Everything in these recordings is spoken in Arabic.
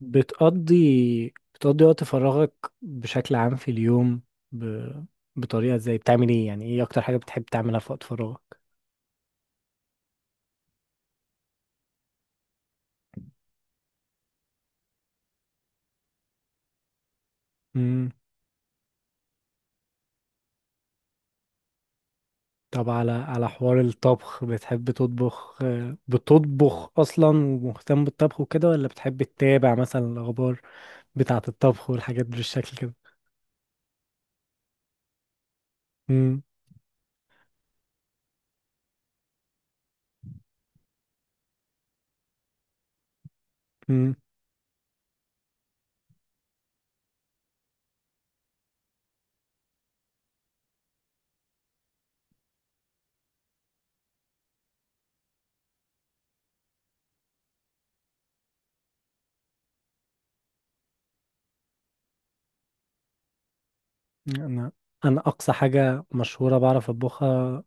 بتقضي وقت فراغك بشكل عام في اليوم، ب... بطريقة ازاي بتعمل ايه؟ يعني ايه اكتر حاجة بتحب تعملها في وقت فراغك؟ امم. طب على حوار الطبخ، بتحب تطبخ؟ بتطبخ اصلا ومهتم بالطبخ وكده، ولا بتحب تتابع مثلا الاخبار بتاعة الطبخ والحاجات بالشكل كده؟ امم. امم. انا انا اقصى حاجة مشهورة بعرف اطبخها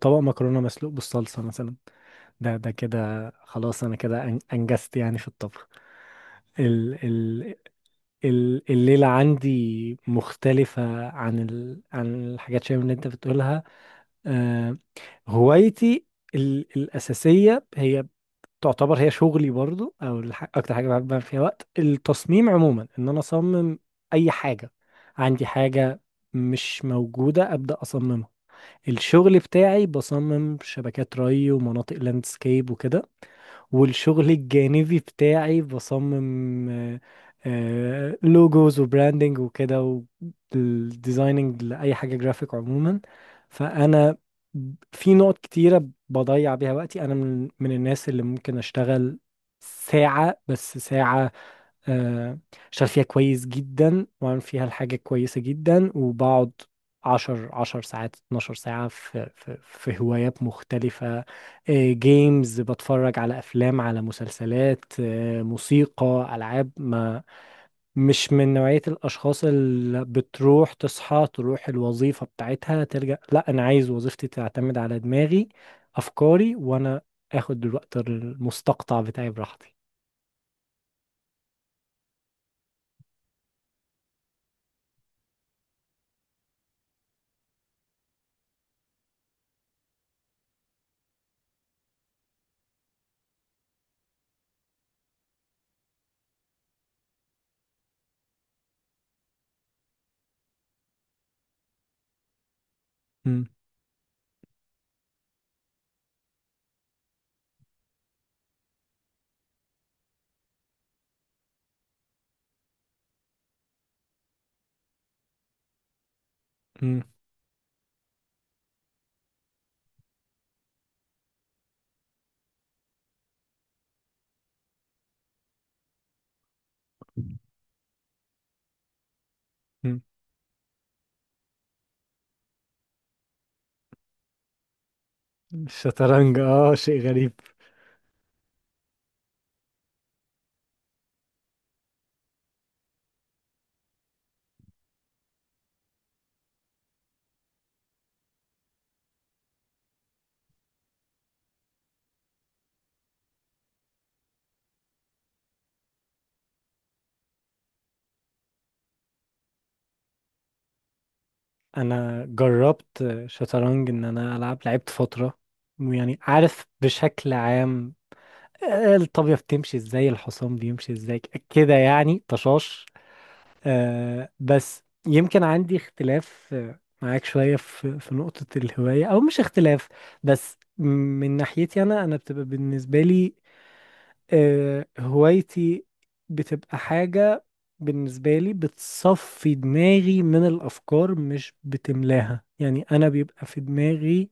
طبق مكرونة مسلوق بالصلصة مثلا. ده كده خلاص انا كده انجزت يعني في الطبخ. ال ال ال الليلة عندي مختلفة عن عن الحاجات شوية من اللي انت بتقولها. آه هوايتي الأساسية هي، تعتبر هي شغلي برضو، او اكتر حاجة بحب أعمل فيها وقت التصميم عموما، ان انا اصمم اي حاجة. عندي حاجة مش موجودة ابدأ اصممها. الشغل بتاعي بصمم شبكات ري ومناطق لاندسكيب وكده، والشغل الجانبي بتاعي بصمم لوجوز وبراندنج وكده، والديزايننج لأي حاجة جرافيك عموما. فأنا في نقط كتيرة بضيع بيها وقتي. أنا من الناس اللي ممكن أشتغل ساعة، بس ساعة آه، شغال فيها كويس جدا وعامل فيها الحاجة كويسة جدا، وبقعد عشر ساعات، 12 ساعة في هوايات مختلفة. جيمز، بتفرج على أفلام، على مسلسلات، موسيقى، ألعاب. ما مش من نوعية الأشخاص اللي بتروح تصحى تروح الوظيفة بتاعتها ترجع، لا. أنا عايز وظيفتي تعتمد على دماغي، أفكاري، وأنا آخد الوقت المستقطع بتاعي براحتي. مم. مم. الشطرنج، شيء غريب. انا جربت شطرنج، ان انا العب لعبت فترة ويعني عارف بشكل عام الطابية بتمشي ازاي، الحصان بيمشي ازاي، كده يعني، طشاش. بس يمكن عندي اختلاف معاك شوية، في نقطة الهواية، او مش اختلاف، بس من ناحيتي. انا بتبقى بالنسبة لي هوايتي بتبقى حاجة بالنسبة لي بتصفي دماغي من الأفكار، مش بتملاها. يعني أنا بيبقى في دماغي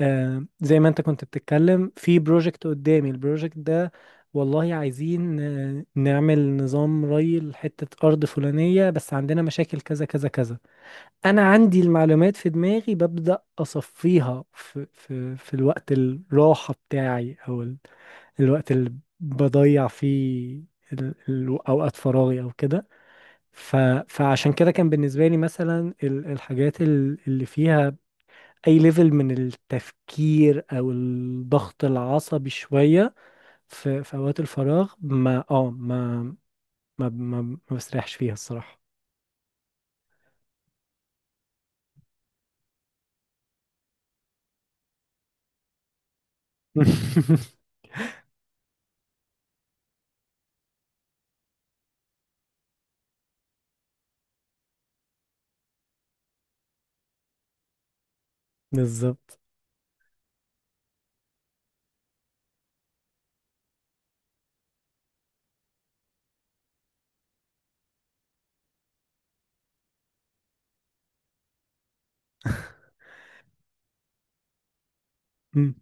زي ما أنت كنت بتتكلم في بروجكت قدامي، البروجكت ده والله عايزين نعمل نظام ري لحتة أرض فلانية، بس عندنا مشاكل كذا كذا كذا. أنا عندي المعلومات في دماغي، ببدأ أصفيها في الوقت الراحة بتاعي، أو الوقت اللي بضيع فيه، اوقات فراغي او كده. ف... فعشان كده كان بالنسبه لي مثلا الحاجات اللي فيها اي ليفل من التفكير او الضغط العصبي شويه في في اوقات الفراغ، ما اه ما ما ما, ما بسرحش فيها الصراحه. بالظبط. مم.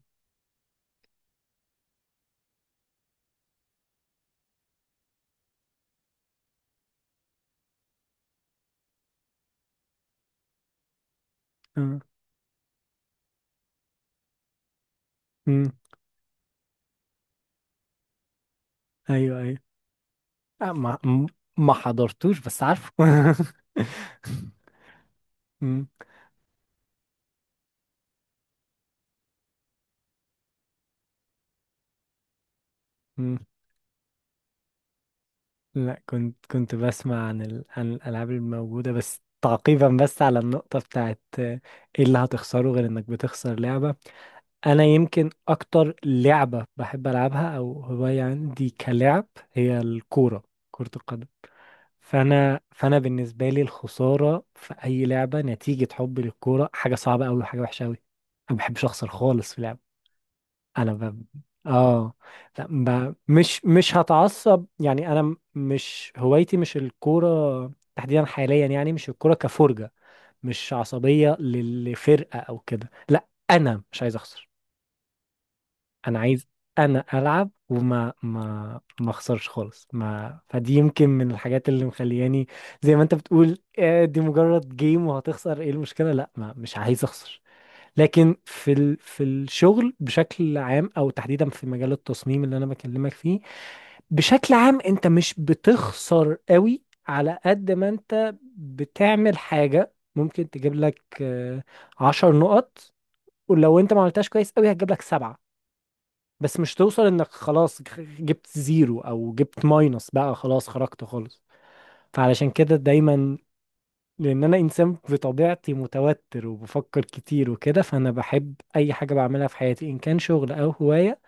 آه. مم. ايوه، ايوه. آه، ما ما حضرتوش بس عارفه. مم. مم. لا، كنت كنت بسمع عن عن الألعاب الموجودة، بس تعقيبا، بس على النقطة بتاعت ايه اللي هتخسره غير انك بتخسر لعبة؟ انا يمكن اكتر لعبة بحب العبها او هواية عندي كلعب هي الكورة، كرة القدم. فانا بالنسبة لي الخسارة في اي لعبة، نتيجة حبي للكورة، حاجة صعبة قوي وحاجة وحشة قوي. انا ما بحبش اخسر خالص في لعبة. انا اه، لا، مش هتعصب يعني، انا مش هوايتي مش الكوره تحديدا حاليا يعني، مش الكوره كفرجه، مش عصبيه لفرقه او كده، لا. انا مش عايز اخسر. انا عايز، انا العب وما ما ما اخسرش خالص. ما فدي يمكن من الحاجات اللي مخلياني، زي ما انت بتقول، دي مجرد جيم وهتخسر ايه؟ المشكله لا، ما مش عايز اخسر. لكن في الشغل بشكل عام او تحديدا في مجال التصميم اللي انا بكلمك فيه، بشكل عام انت مش بتخسر قوي. على قد ما انت بتعمل حاجة ممكن تجيب لك 10 نقط، ولو انت ما عملتهاش كويس قوي هتجيب لك سبعة، بس مش توصل انك خلاص جبت زيرو او جبت ماينس بقى خلاص خرجت خالص. فعلشان كده دايما، لان انا انسان بطبيعتي متوتر وبفكر كتير وكده، فانا بحب اي حاجه بعملها في حياتي ان كان شغل او هوايه،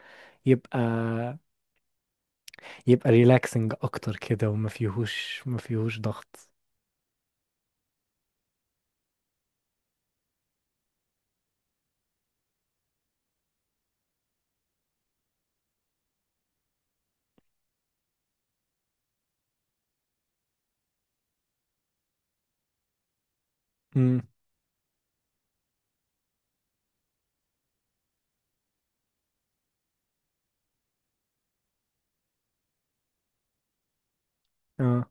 يبقى يبقى ريلاكسنج اكتر كده، وما فيهوش ما فيهوش ضغط. امم. اه،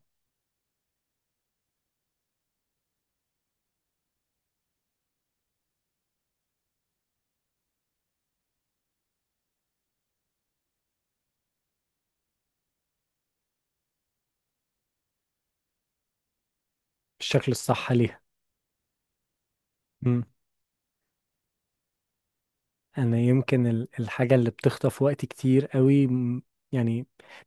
الشكل الصح ليها. امم. انا يمكن الحاجه اللي بتخطف وقتي كتير قوي، يعني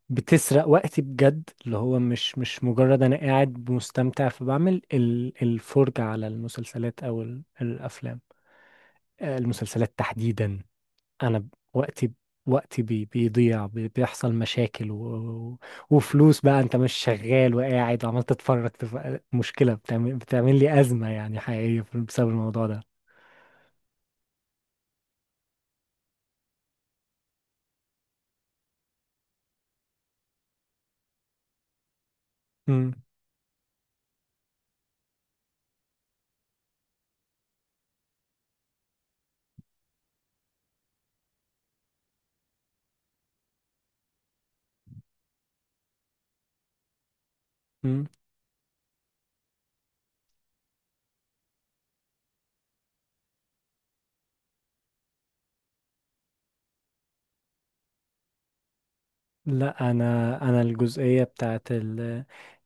بتسرق وقتي بجد، اللي هو مش مجرد انا قاعد مستمتع فبعمل الفرجه على المسلسلات او الافلام المسلسلات تحديدا. انا وقتي، بيضيع، بيحصل مشاكل و- وفلوس بقى انت مش شغال وقاعد وعمال تتفرج مشكلة، بتعمل لي أزمة يعني حقيقية بسبب الموضوع ده. مم. مم. لا، انا الجزئية بتاعت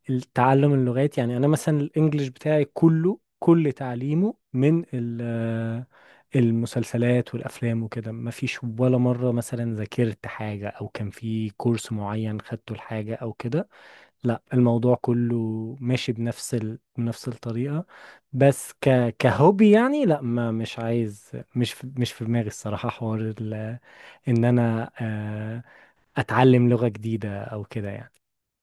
التعلم اللغات، يعني انا مثلا الانجليش بتاعي كله كل تعليمه من المسلسلات والافلام وكده. ما فيش ولا مره مثلا ذاكرت حاجه او كان في كورس معين خدته لحاجه او كده، لا. الموضوع كله ماشي بنفس بنفس الطريقة، بس كهوبي يعني. لا، ما مش عايز، مش في دماغي الصراحة حوار ان انا اتعلم لغة جديدة او كده يعني.